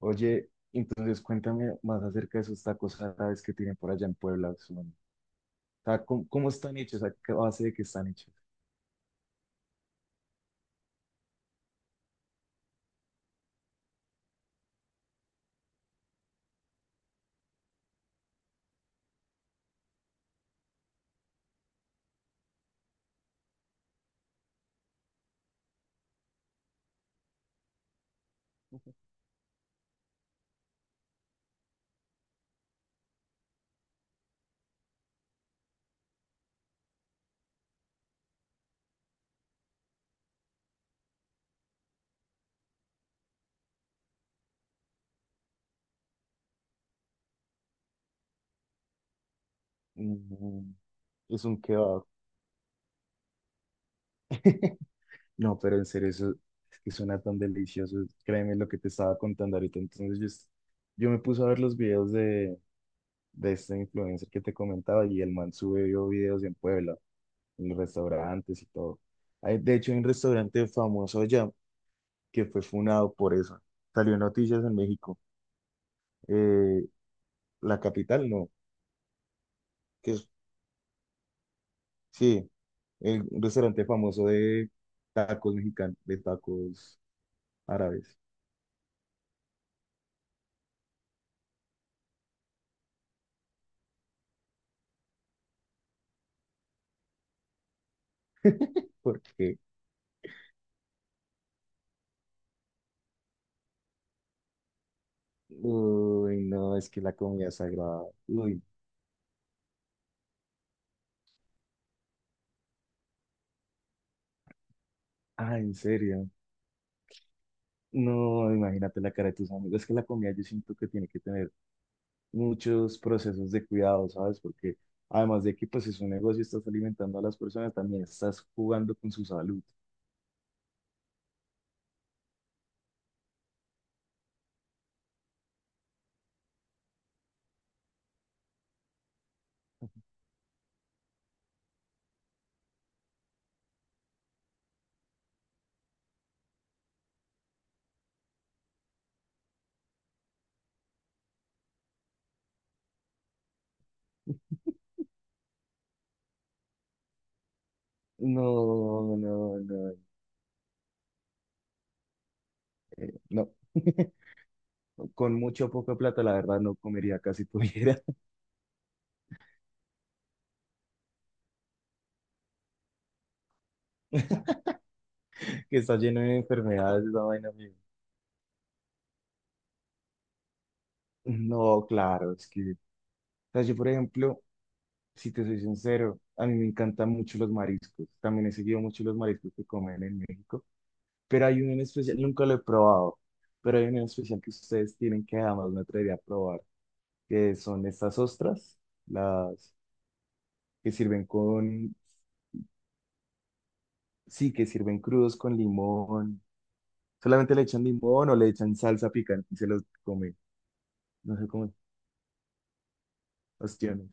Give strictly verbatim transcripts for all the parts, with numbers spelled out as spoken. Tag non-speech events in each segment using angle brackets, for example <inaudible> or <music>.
Oye, entonces cuéntame más acerca de esos tacos árabes que tienen por allá en Puebla. Son, o sea, ¿cómo, cómo están hechos? ¿A qué base de qué están hechos? Mm, es un kebab. <laughs> No, pero en serio, eso es que suena tan delicioso. Créeme lo que te estaba contando ahorita. Entonces yo, es- yo me puse a ver los videos de, de este influencer que te comentaba y el man subió videos en Puebla, en los restaurantes y todo. Hay, de hecho, hay un restaurante famoso allá que fue funado por eso. Salió en noticias en México. eh, la capital, no, que es, sí, el restaurante famoso de tacos mexicanos, de tacos árabes, porque, uy, no, es que la comida es sagrada, uy, ah, en serio, no, imagínate la cara de tus amigos, es que la comida yo siento que tiene que tener muchos procesos de cuidado, ¿sabes? Porque además de que pues es un negocio, estás alimentando a las personas, también estás jugando con su salud. No, no, no, eh, no. <laughs> Con mucho o poca plata, la verdad, no comería casi tuviera. <laughs> Que está lleno de enfermedades esa vaina, amigo. No, claro, es que, o sea, yo por ejemplo, si te soy sincero, a mí me encantan mucho los mariscos. También he seguido mucho los mariscos que comen en México, pero hay uno en especial, nunca lo he probado, pero hay uno en especial que ustedes tienen que jamás me atrevería a probar, que son estas ostras, las que sirven con, sí, que sirven crudos con limón. Solamente le echan limón o le echan salsa picante y se los comen. No sé cómo, ostiones.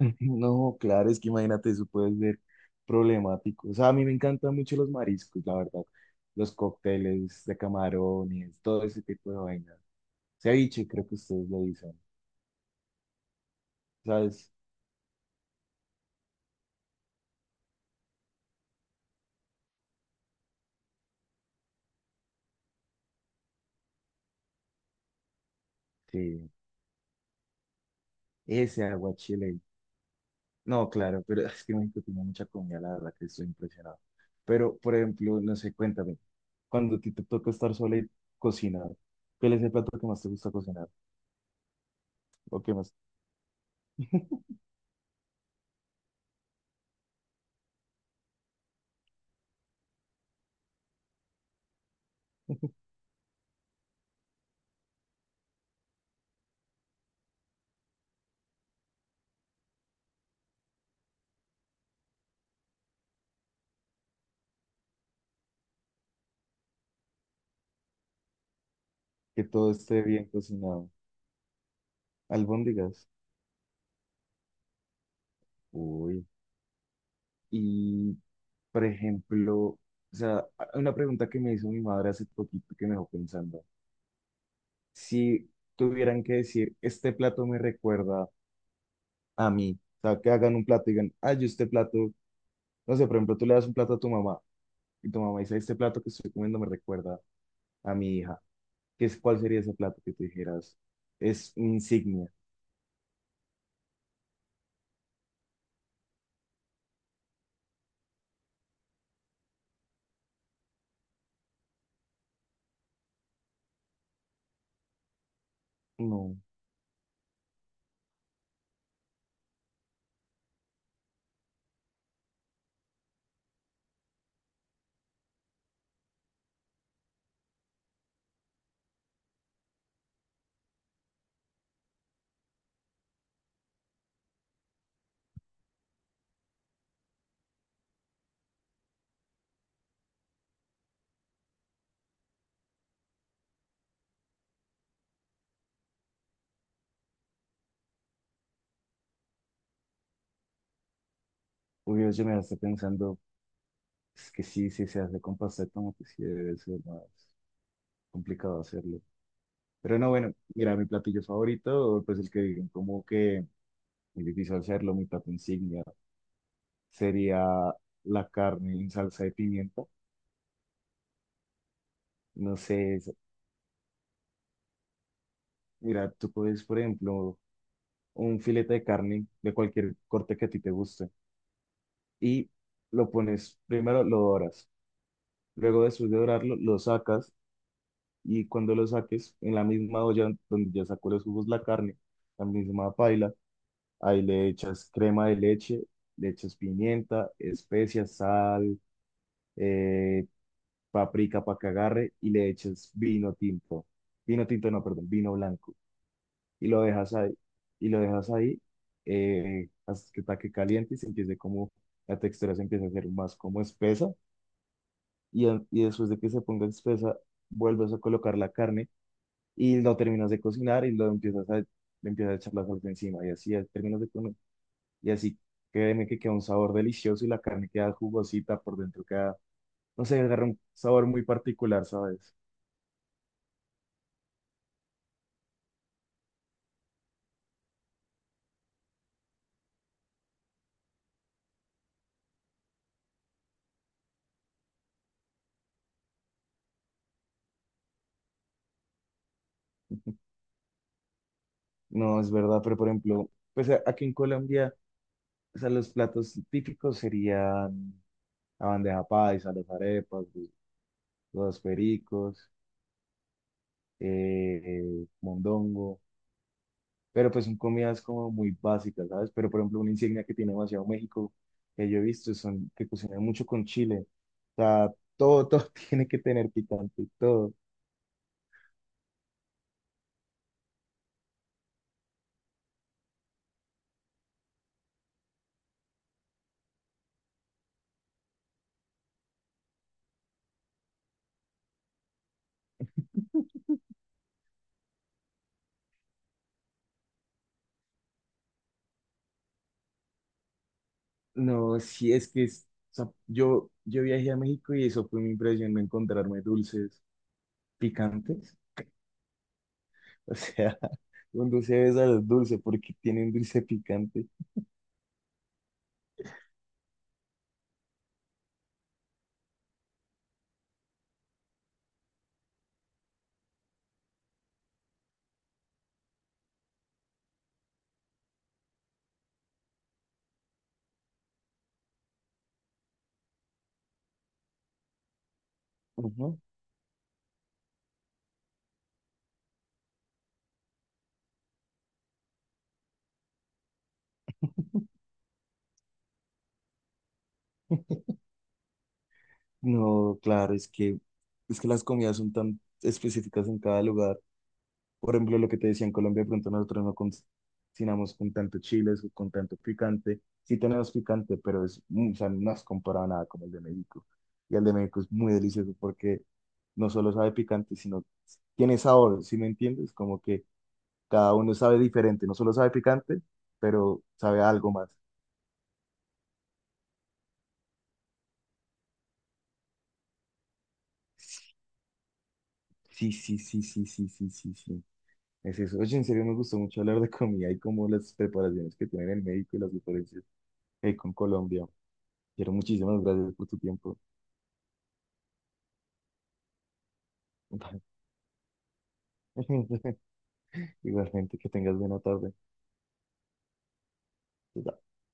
<laughs> No, claro, es que imagínate, eso puede ser problemático. O sea, a mí me encantan mucho los mariscos, la verdad. Los cócteles de camarones, todo ese tipo de vainas. Ceviche, creo que ustedes lo dicen. ¿Sabes? Sí, ese aguachile. No, claro, pero <laughs> es que México tiene mucha comida, la verdad que estoy impresionado. Pero, por ejemplo, no sé, cuéntame, cuando a ti te toca estar sola y cocinar, ¿cuál es el plato que más te gusta cocinar? ¿O qué más? <laughs> Que todo esté bien cocinado. Albóndigas. Uy. Y, por ejemplo, o sea, a- una pregunta que me hizo mi madre hace poquito que me dejó pensando. Si tuvieran que decir, este plato me recuerda a mí, o sea, que hagan un plato y digan, ay, yo este plato, no sé, por ejemplo, tú le das un plato a tu mamá y tu mamá dice, este plato que estoy comiendo me recuerda a mi hija. ¿Qué es, cuál sería ese plato que tú dijeras? Es mi insignia. No, obvio, yo me estoy pensando, es que sí, sí se hace con pasta de tomate, sí debe ser más complicado hacerlo. Pero no, bueno, mira, mi platillo favorito, pues el que digan, como que es difícil hacerlo, mi plato insignia sería la carne en salsa de pimienta. No sé, es- mira, tú puedes, por ejemplo, un filete de carne de cualquier corte que a ti te guste y lo pones, primero lo doras, luego después de dorarlo, lo sacas y cuando lo saques, en la misma olla donde ya sacó los jugos la carne, la misma paila. Ahí le echas crema de leche, le echas pimienta, especias, sal, eh, paprika para que agarre y le echas vino tinto. Vino tinto, no, perdón, vino blanco. Y lo dejas ahí, y lo dejas ahí eh, hasta que está que caliente y se empiece como, la textura se empieza a hacer más como espesa. Y, en- y después de que se ponga espesa, vuelves a colocar la carne y lo terminas de cocinar y lo empiezas a, le empiezas a echar la salsa encima. Y así eh, terminas de, Y así créeme que queda un sabor delicioso y la carne queda jugosita por dentro, queda, no sé, agarra un sabor muy particular, ¿sabes? No, es verdad, pero por ejemplo, pues a- aquí en Colombia, o sea, los platos típicos serían la bandeja paisa, las arepas, los pericos, eh, eh, mondongo, pero pues son comidas como muy básicas, ¿sabes? Pero por ejemplo, una insignia que tiene demasiado México, que yo he visto, son que cocinan mucho con chile. O sea, todo, todo <laughs> tiene que tener picante, todo. No, sí, es que es- o sea, yo, yo viajé a México y eso fue mi impresión, encontrarme dulces picantes. O sea, <laughs> un dulce de sal dulce porque tienen dulce picante. Ujú. No, claro, es que, es que las comidas son tan específicas en cada lugar. Por ejemplo, lo que te decía en Colombia, de pronto nosotros no cocinamos con tanto chiles o con tanto picante. Sí tenemos picante, pero es, mm, o sea, no es comparado a nada con el de México. Y el de México es muy delicioso porque no solo sabe picante, sino tiene sabor, ¿sí me entiendes? Como que cada uno sabe diferente, no solo sabe picante, pero sabe a algo más. Sí, sí, sí, sí, sí, sí, sí, sí. Es eso. Oye, en serio me gustó mucho hablar de comida y como las preparaciones que tienen en México y las diferencias eh, con Colombia. Quiero muchísimas gracias por tu tiempo. <laughs> Igualmente, que tengas buena tarde.